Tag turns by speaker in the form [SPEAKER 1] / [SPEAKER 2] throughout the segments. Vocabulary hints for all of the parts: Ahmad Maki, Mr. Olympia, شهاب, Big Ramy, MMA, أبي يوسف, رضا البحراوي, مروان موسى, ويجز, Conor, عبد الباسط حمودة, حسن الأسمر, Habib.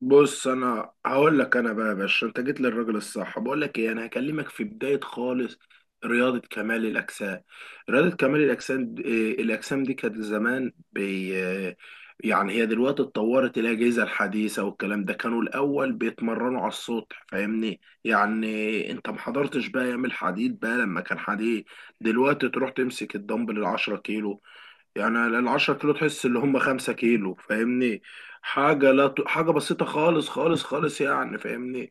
[SPEAKER 1] بص، انا هقول لك. انا بقى يا باشا، انت جيت للراجل الصح. بقول لك ايه، انا هكلمك في بدايه خالص. رياضه كمال الاجسام رياضه كمال الاجسام د- إيه، الاجسام دي كانت زمان بي آه، يعني هي دلوقتي اتطورت. الاجهزه الحديثه والكلام ده، كانوا الاول بيتمرنوا على السطح. فاهمني؟ يعني انت ما حضرتش بقى ايام الحديد بقى لما كان حديد. دلوقتي تروح تمسك الدمبل ال 10 كيلو، يعني ال 10 كيلو تحس اللي هم 5 كيلو. فاهمني؟ حاجه لا ت... حاجه بسيطه خالص خالص خالص، يعني. فاهمني؟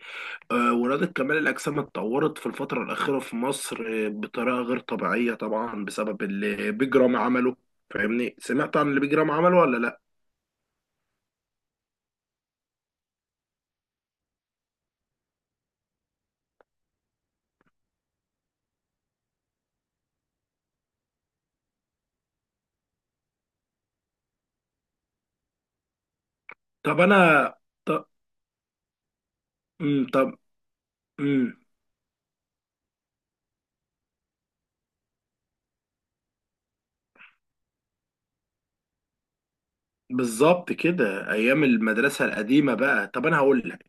[SPEAKER 1] آه، ورياضه كمال الاجسام اتطورت في الفتره الاخيره في مصر بطريقه غير طبيعيه طبعا، بسبب اللي بيج رامي عمله. فاهمني؟ سمعت عن اللي بيج رامي عمله ولا لا؟ طب انا. طب. امم. طب. امم. بالظبط كده، ايام المدرسه القديمه بقى. طب انا هقول لك،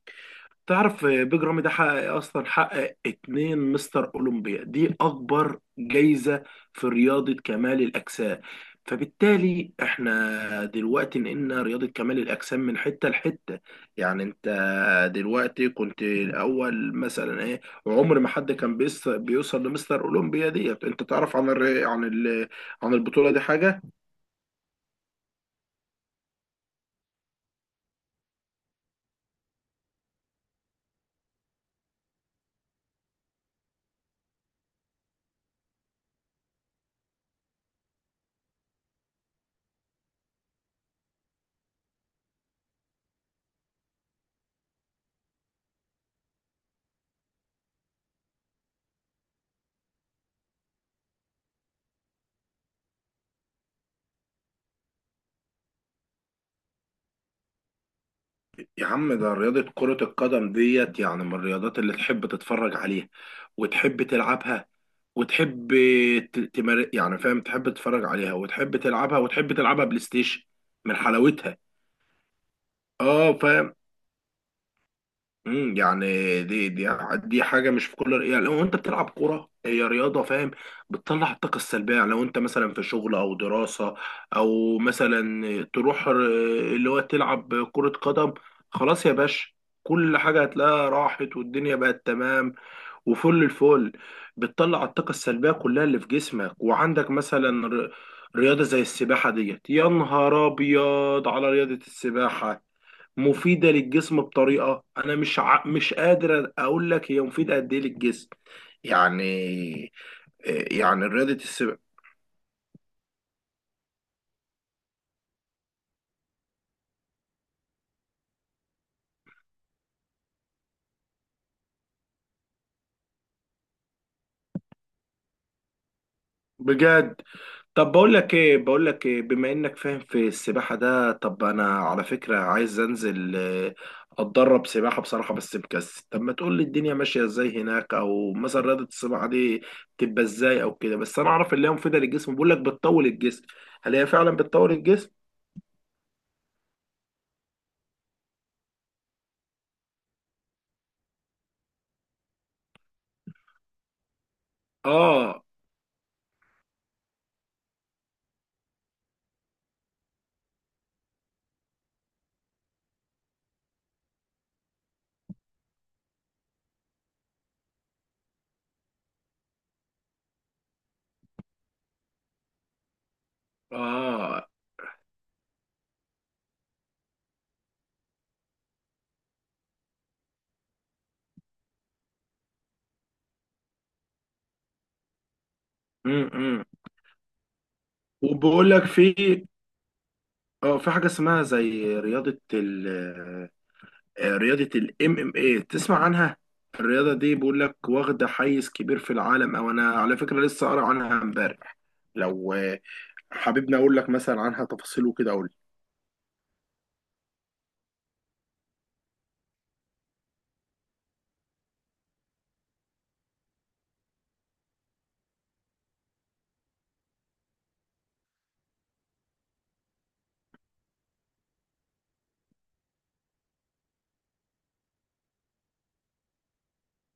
[SPEAKER 1] تعرف بيج رامي ده حقق إيه اصلا؟ حقق اتنين مستر اولمبيا، دي اكبر جايزه في رياضه كمال الاجسام. فبالتالي احنا دلوقتي نقلنا رياضه كمال الاجسام من حته لحته. يعني انت دلوقتي، كنت الاول مثلا ايه. عمر ما حد كان بيوصل لمستر اولمبيا. دي انت تعرف عن عن البطوله دي حاجه؟ يا عم ده رياضة كرة القدم ديت يعني من الرياضات اللي تحب تتفرج عليها، وتحب تلعبها، وتحب ت- تمار يعني فاهم، تحب تتفرج عليها وتحب تلعبها، وتحب تلعبها بلاي ستيشن من حلاوتها. اه فاهم. يعني. دي دي دي حاجه مش في كل، يعني لو انت بتلعب كوره هي رياضه. فاهم؟ بتطلع الطاقه السلبيه. يعني لو انت مثلا في شغل او دراسه، او مثلا تروح اللي هو تلعب كره قدم، خلاص يا باشا. كل حاجه هتلاقيها راحت، والدنيا بقت تمام وفل الفل. بتطلع الطاقه السلبيه كلها اللي في جسمك. وعندك مثلا رياضه زي السباحه ديت، يا نهار ابيض على رياضه السباحه. مفيدة للجسم بطريقة، أنا مش قادر أقول لك هي مفيدة قد إيه للجسم يعني. يعني رياضة السباحة. بجد. طب بقول لك إيه، بقول لك إيه، بما إنك فاهم في السباحة ده، طب أنا على فكرة عايز أنزل أتدرب سباحة بصراحة، بس مكسل. طب ما تقول لي الدنيا ماشية إزاي هناك، أو مثلا رياضة السباحة دي تبقى إزاي أو كده. بس أنا أعرف اللي هي مفيدة للجسم، بقول لك بتطول الجسم. هل هي فعلا بتطول الجسم؟ آه. آه. إمم، إمم. وبقول لك في حاجه اسمها زي رياضه ال آه، رياضه الام ام اي. تسمع عنها؟ الرياضه دي بقول لك واخده حيز كبير في العالم، او انا على فكره لسه قارئ عنها امبارح. لو حاببني اقول لك مثلا عنها تفاصيل وكده.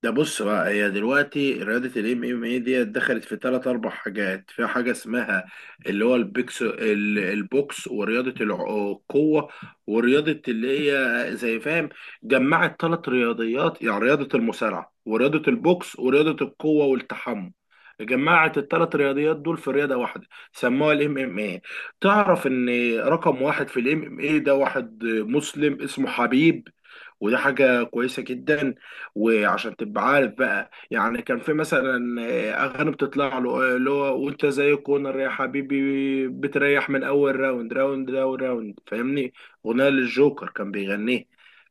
[SPEAKER 1] ده بص بقى، هي دلوقتي رياضة الام ام اي دي دخلت في ثلاث اربع حاجات. في حاجة اسمها اللي هو البيكس البوكس، ورياضة القوة، ورياضة اللي هي زي فاهم. جمعت ثلاث رياضيات، يعني رياضة المصارعة، ورياضة البوكس، ورياضة القوة والتحمل. جمعت الثلاث رياضيات دول في رياضة واحدة، سموها الام ام اي. تعرف ان رقم واحد في الام ام اي ده واحد مسلم اسمه حبيب، وده حاجة كويسة جدا. وعشان تبقى عارف بقى، يعني كان في مثلا اغاني بتطلع له اللي هو: وانت زي كونر يا حبيبي بتريح من اول راوند، راوند ده وراوند، فاهمني؟ اغنيه للجوكر كان بيغنيه.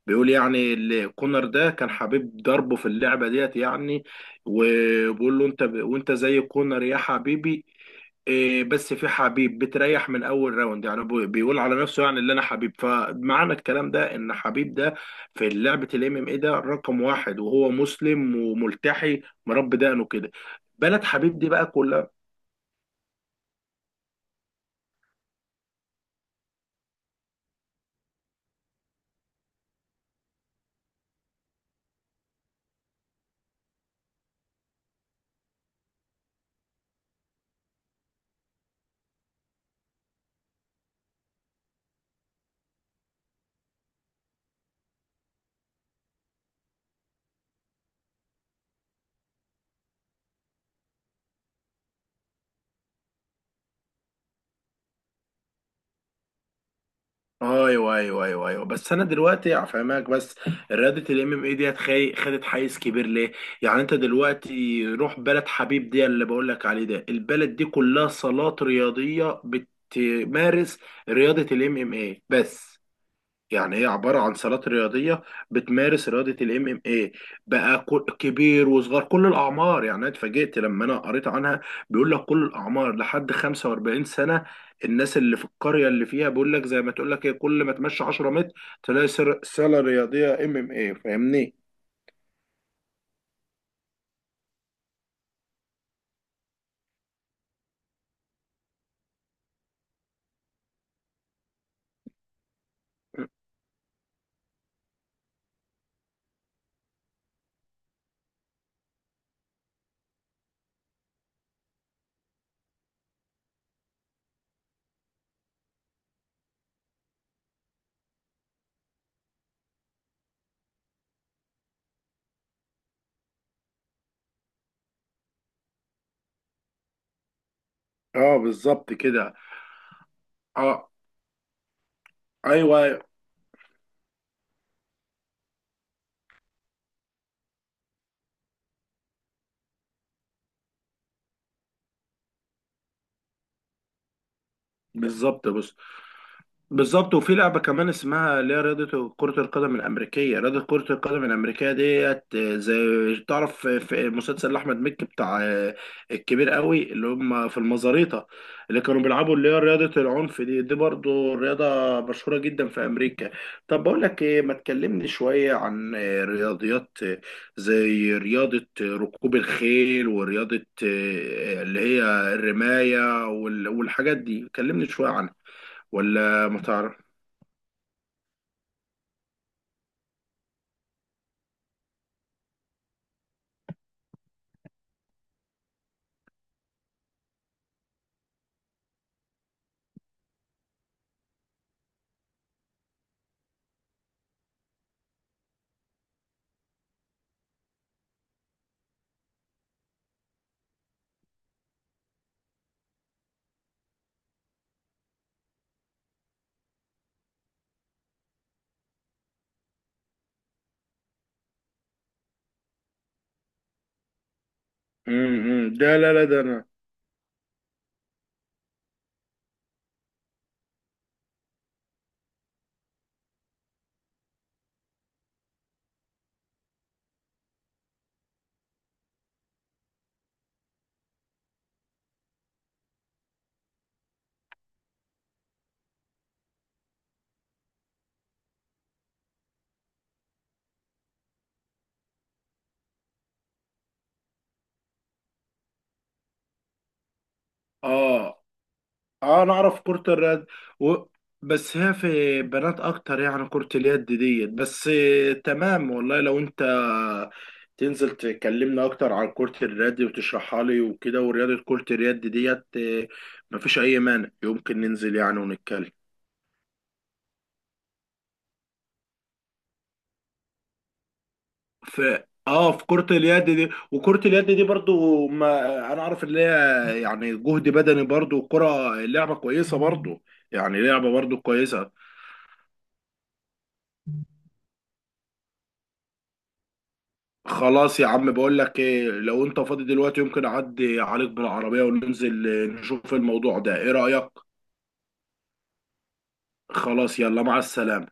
[SPEAKER 1] بيقول يعني كونر ده كان حبيب ضربه في اللعبه ديت يعني. وبيقول له: انت وانت زي كونر يا حبيبي إيه، بس في حبيب بتريح من اول راوند. يعني بيقول على نفسه يعني اللي انا حبيب. فمعنى الكلام ده، ان حبيب ده في لعبة الام ام اي ده رقم واحد، وهو مسلم وملتحي، مربي دقنه كده. بلد حبيب دي بقى كلها. ايوه ايوه ايوه ايوه، بس انا دلوقتي هفهمك. بس رياضه الام ام اي ديت خدت حيز كبير ليه؟ يعني انت دلوقتي روح بلد حبيب دي اللي بقول لك عليه ده، البلد دي كلها صالات رياضيه بتمارس رياضه الام ام اي بس. يعني هي عبارة عن صالات رياضية بتمارس رياضة الام ام اي بقى، كبير وصغار، كل الأعمار. يعني أنا اتفاجئت لما أنا قريت عنها، بيقول لك كل الأعمار لحد 45 سنة. الناس اللي في القرية اللي فيها بيقول لك، زي ما تقول لك ايه، كل ما تمشي 10 متر تلاقي صالة رياضية ام ام اي. فاهمني؟ اه بالظبط كده. اه. ايوه أيوه، بالظبط. بص، بالظبط. وفي لعبة كمان اسمها اللي هي رياضة كرة القدم الأمريكية. رياضة كرة القدم الأمريكية ديت، زي تعرف في مسلسل أحمد مكي بتاع الكبير قوي، اللي هم في المزاريطة اللي كانوا بيلعبوا، اللي هي رياضة العنف دي. دي برضو رياضة مشهورة جدا في أمريكا. طب بقول لك إيه، ما تكلمني شوية عن رياضيات زي رياضة ركوب الخيل، ورياضة اللي هي الرماية، والحاجات دي. كلمني شوية عنها ولا ما تعرف. امم، ده لا لا ده انا. اه. اه، انا اعرف كرة الرد و... بس هي في بنات اكتر يعني كرة اليد ديت، بس تمام والله. لو انت تنزل تكلمنا اكتر عن كرة اليد وتشرحها لي وكده، ورياضة كرة اليد ديت مفيش اي مانع، يمكن ننزل يعني ونتكلم في كرة اليد دي. وكرة اليد دي برضو، ما انا اعرف اللي هي يعني جهد بدني برضو، كرة لعبة كويسة برضو، يعني لعبة برضو كويسة. خلاص يا عم، بقول لك ايه، لو انت فاضي دلوقتي يمكن اعدي عليك بالعربية وننزل نشوف الموضوع ده. ايه رأيك؟ خلاص، يلا مع السلامة.